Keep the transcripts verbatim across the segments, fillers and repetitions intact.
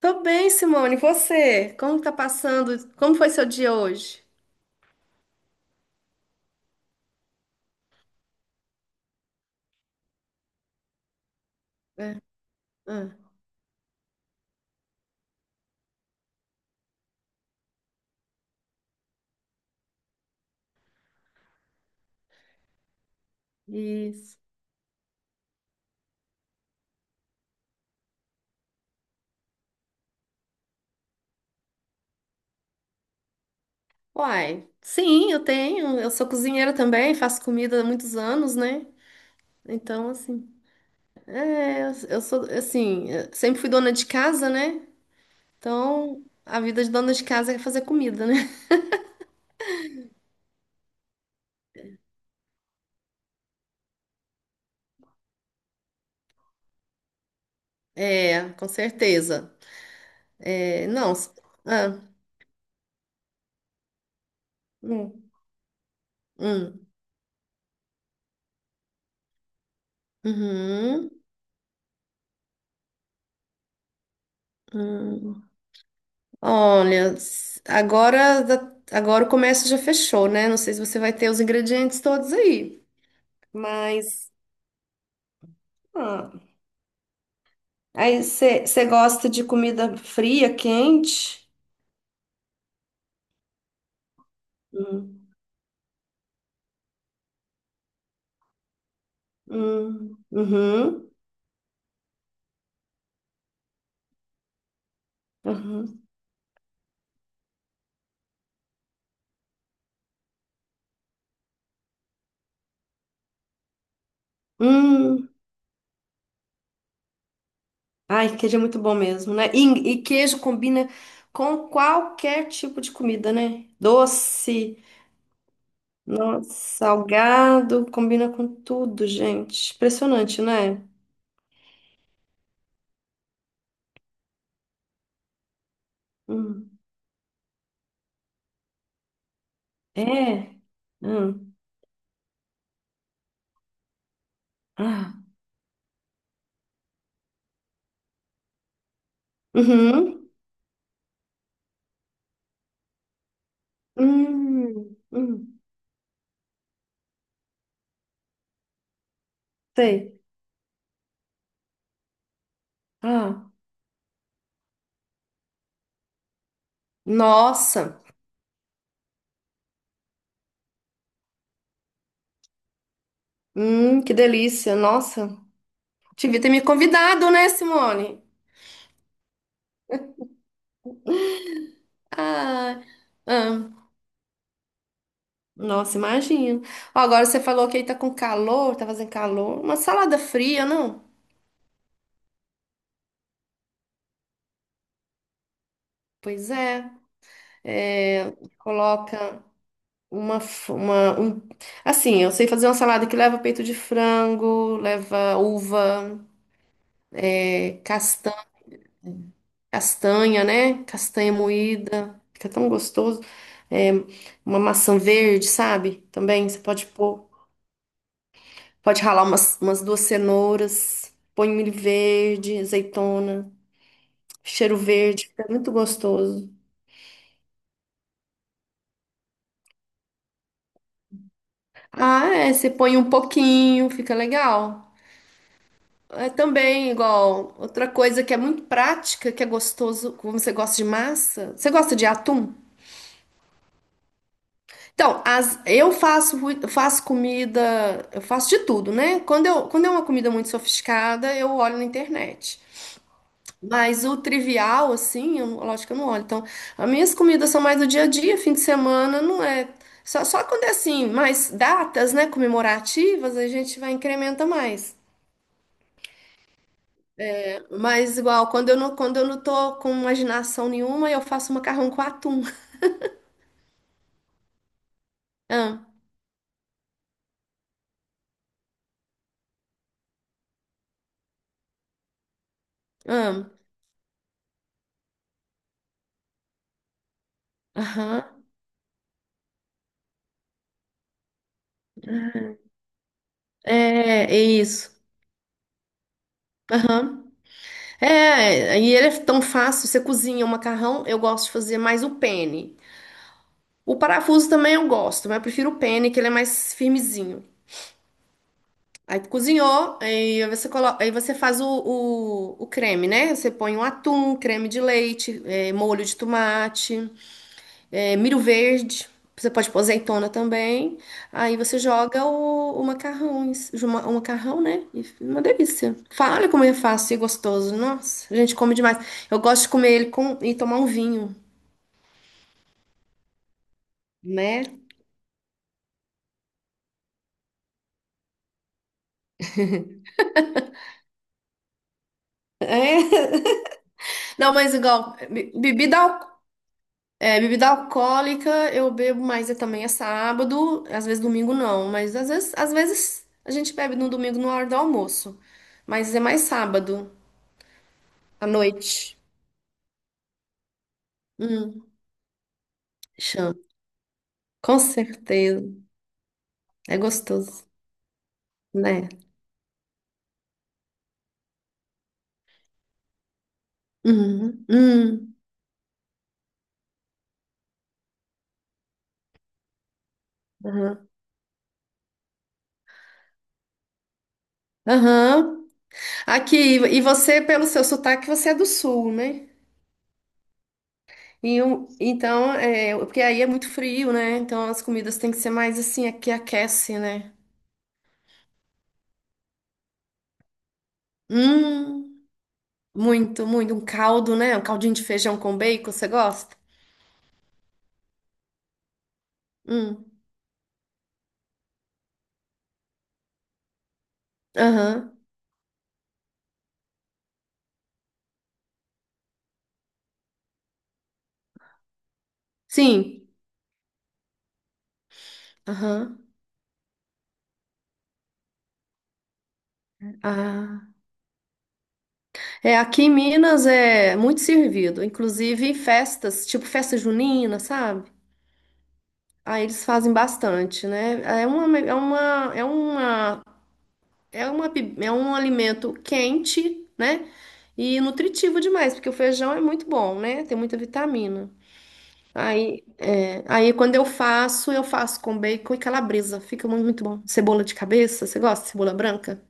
Tô bem, Simone. E você? Como tá passando? Como foi seu dia hoje? Ah, isso. Uai, sim, eu tenho. Eu sou cozinheira também, faço comida há muitos anos, né? Então, assim, é, eu eu sou, assim, eu sempre fui dona de casa, né? Então, a vida de dona de casa é fazer comida, né? É, com certeza. É, não. s- Ah, hum, hum, uhum, hum. Olha, s- agora, da- agora o comércio já fechou, né? Não sei se você vai ter os ingredientes todos aí, mas ah, aí você gosta de comida fria, quente? Hum, hum, uhum, uhum, hum. Ai, queijo é muito bom mesmo, né? E, e queijo combina com qualquer tipo de comida, né? Doce, nossa, salgado, combina com tudo, gente. Impressionante, né? Hum. É. Hum. Ah. Uhum. Hum. Hum. Sei. Ah. Nossa. Hum, que delícia. Nossa. Devia ter me convidado, né, Simone? Ah. Ah. Nossa, imagino. Ó, agora você falou que aí tá com calor, tá fazendo calor. Uma salada fria, não? Pois é. É, coloca uma, f- uma um, assim, eu sei fazer uma salada que leva peito de frango, leva uva, é, castanha, né? Castanha moída, fica tão gostoso. É, uma maçã verde, sabe? Também você pode pôr, pode ralar umas, umas duas cenouras, põe um milho verde, azeitona, cheiro verde, fica muito gostoso. Ah, é, você põe um pouquinho, fica legal. É também igual outra coisa que é muito prática, que é gostoso, como você gosta de massa. Você gosta de atum? Então, as, eu faço, mui- faço comida, eu faço de tudo, né? Quando, eu, quando é uma comida muito sofisticada, eu olho na internet. Mas o trivial, assim, eu, não- lógico que eu não olho. Então, as minhas comidas são mais do dia a dia, fim de semana, não é. Só, só quando é assim, mais datas, né, comemorativas, a gente vai incrementa mais. Mas igual, quando eu não, quando eu não tô com imaginação nenhuma, eu faço macarrão com atum. Amo, amo. Aham. É, é isso. Aham. É, e ele é tão fácil. Você cozinha o macarrão, eu gosto de fazer mais o penne. O parafuso também eu gosto, mas eu prefiro o penne, que ele é mais firmezinho. Aí cozinhou, aí você coloca, aí você faz o, o, o creme, né? Você põe um atum, creme de leite, eh, molho de tomate. É, milho verde. Você pode pôr azeitona também. Aí você joga o, o macarrão, em ci- uma- o macarrão, né? E fica uma delícia. Fa- Olha como é fácil e gostoso. Nossa, a gente come demais. Eu gosto de comer ele com, e tomar um vinho, né? É. Não, mas igual, be- bebida, al- é, bebida alcoólica eu bebo mais é, também é sábado, às vezes domingo não, mas às vezes, às vezes a gente bebe no domingo na hora do almoço. Mas é mais sábado, à noite. Hum. Com certeza. É gostoso, né? Uhum, uhum, uhum. Aham. Aqui, e você, pelo seu sotaque, você é do sul, né? E eu- então, é, porque aí é muito frio, né? Então as comidas têm que ser mais assim, é que aquece, né? Hum. Muito, muito. Um caldo, né? Um caldinho de feijão com bacon, você gosta? Hum. Aham. Sim. Aham. Ah. É, aqui em Minas é muito servido, inclusive em festas, tipo festa junina, sabe? Ah, eles fazem bastante, né? É uma, é uma, é uma, é uma, bi- é um alimento quente, né? E nutritivo demais, porque o feijão é muito bom, né? Tem muita vitamina. Aí, é, aí quando eu faço, eu faço com bacon e calabresa. Fica muito, muito bom. Cebola de cabeça, você gosta de cebola branca?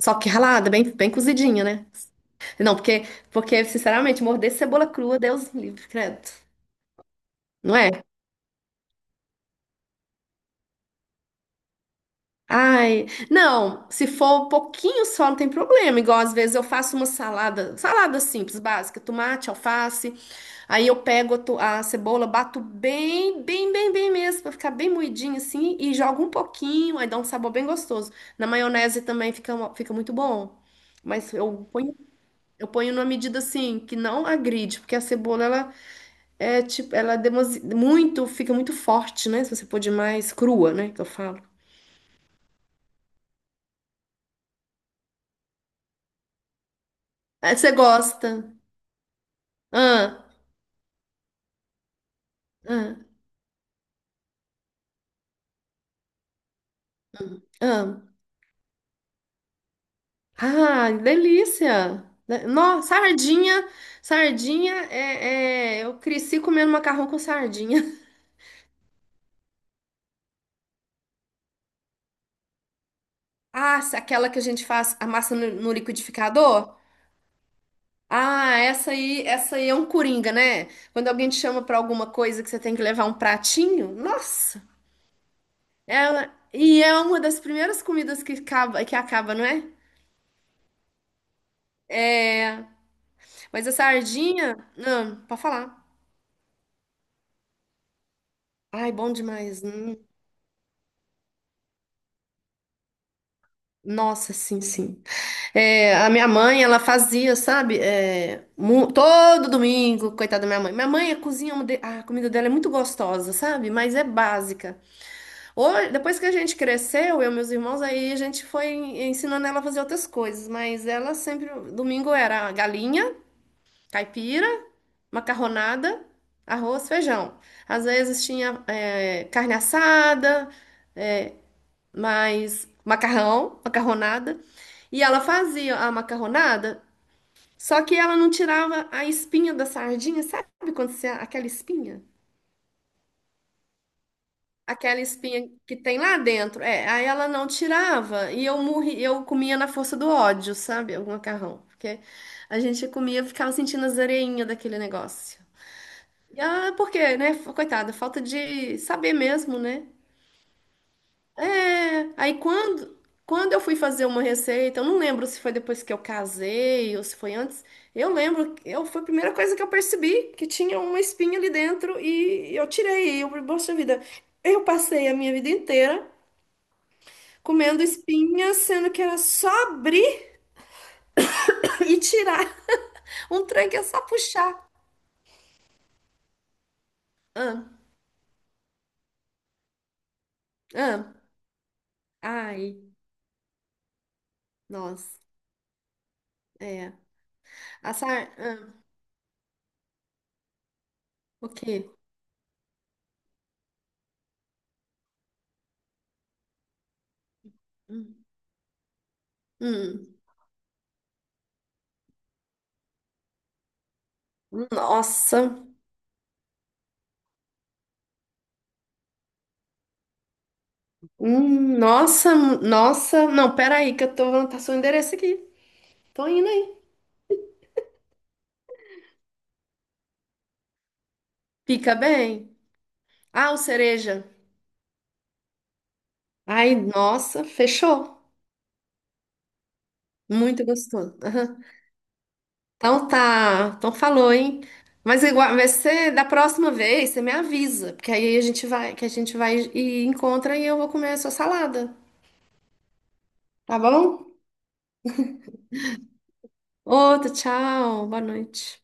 Só que ralada, bem, bem cozidinha, né? Não, porque, porque, sinceramente, morder cebola crua, Deus me livre, credo. Não é? Ai, não, se for um pouquinho só, não tem problema. Igual às vezes eu faço uma salada, salada simples, básica, tomate, alface. Aí eu pego a, to- a cebola, bato bem, bem, bem, bem mesmo, pra ficar bem moidinha assim, e jogo um pouquinho, aí dá um sabor bem gostoso. Na maionese também fica, uma- fica muito bom. Mas eu ponho, eu ponho numa medida assim, que não agride, porque a cebola, ela é tipo, ela é demasi- muito, fica muito forte, né? Se você pôr demais crua, né? Que eu falo. Aí você gosta. Ah, ah, ah. Ah, delícia! Nossa, sardinha, sardinha, é, é, eu cresci comendo macarrão com sardinha. Ah, se- aquela que a gente faz a massa no, no liquidificador? Ah, essa aí, essa aí é um coringa, né? Quando alguém te chama pra alguma coisa que você tem que levar um pratinho, nossa! Ela, e é uma das primeiras comidas que acaba, que acaba, não é? Mas a sardinha, não, pode falar. Ai, bom demais. Hum. Nossa, sim, sim. É, a minha mãe, ela fazia, sabe? É, mu- todo domingo, coitada da minha mãe. Minha mãe cozinha, uma de- a comida dela é muito gostosa, sabe? Mas é básica. Hoje, depois que a gente cresceu, eu e meus irmãos, aí a gente foi en- ensinando ela a fazer outras coisas. Mas ela sempre, domingo era galinha, caipira, macarronada, arroz, feijão. Às vezes tinha, é, carne assada, mas macarrão, macarronada. E ela fazia a macarronada. Só que ela não tirava a espinha da sardinha, sabe quando você, aquela espinha? Aquela espinha que tem lá dentro. É, aí ela não tirava e eu morri, eu comia na força do ódio, sabe? O macarrão. Porque a gente comia, ficava sentindo as areinhas daquele negócio. E, Ah, porque, né? Coitada, falta de saber mesmo, né? É, aí quando, quando eu fui fazer uma receita, eu não lembro se foi depois que eu casei ou se foi antes. Eu lembro, que eu foi a primeira coisa que eu percebi que tinha uma espinha ali dentro e eu tirei. E eu, falei, poxa vida, eu passei a minha vida inteira comendo espinha, sendo que era só abrir e tirar. Um trem que é só puxar. Ah, ah, ai, nossa, é. Assar, ah, o quê? Hum, hum, nossa. Hum, nossa, hum, nossa. Não, peraí, que eu tô vou anotar seu endereço aqui. Tô indo aí. Fica bem. Ah, o cereja. Ai, nossa, fechou. Muito gostoso. Aham. Então tá. Então falou, hein? Mas igual, vai ser da próxima vez, você me avisa, porque aí a gente vai, que a gente vai e encontra e eu vou comer a sua salada, tá bom? Outro, tchau, boa noite.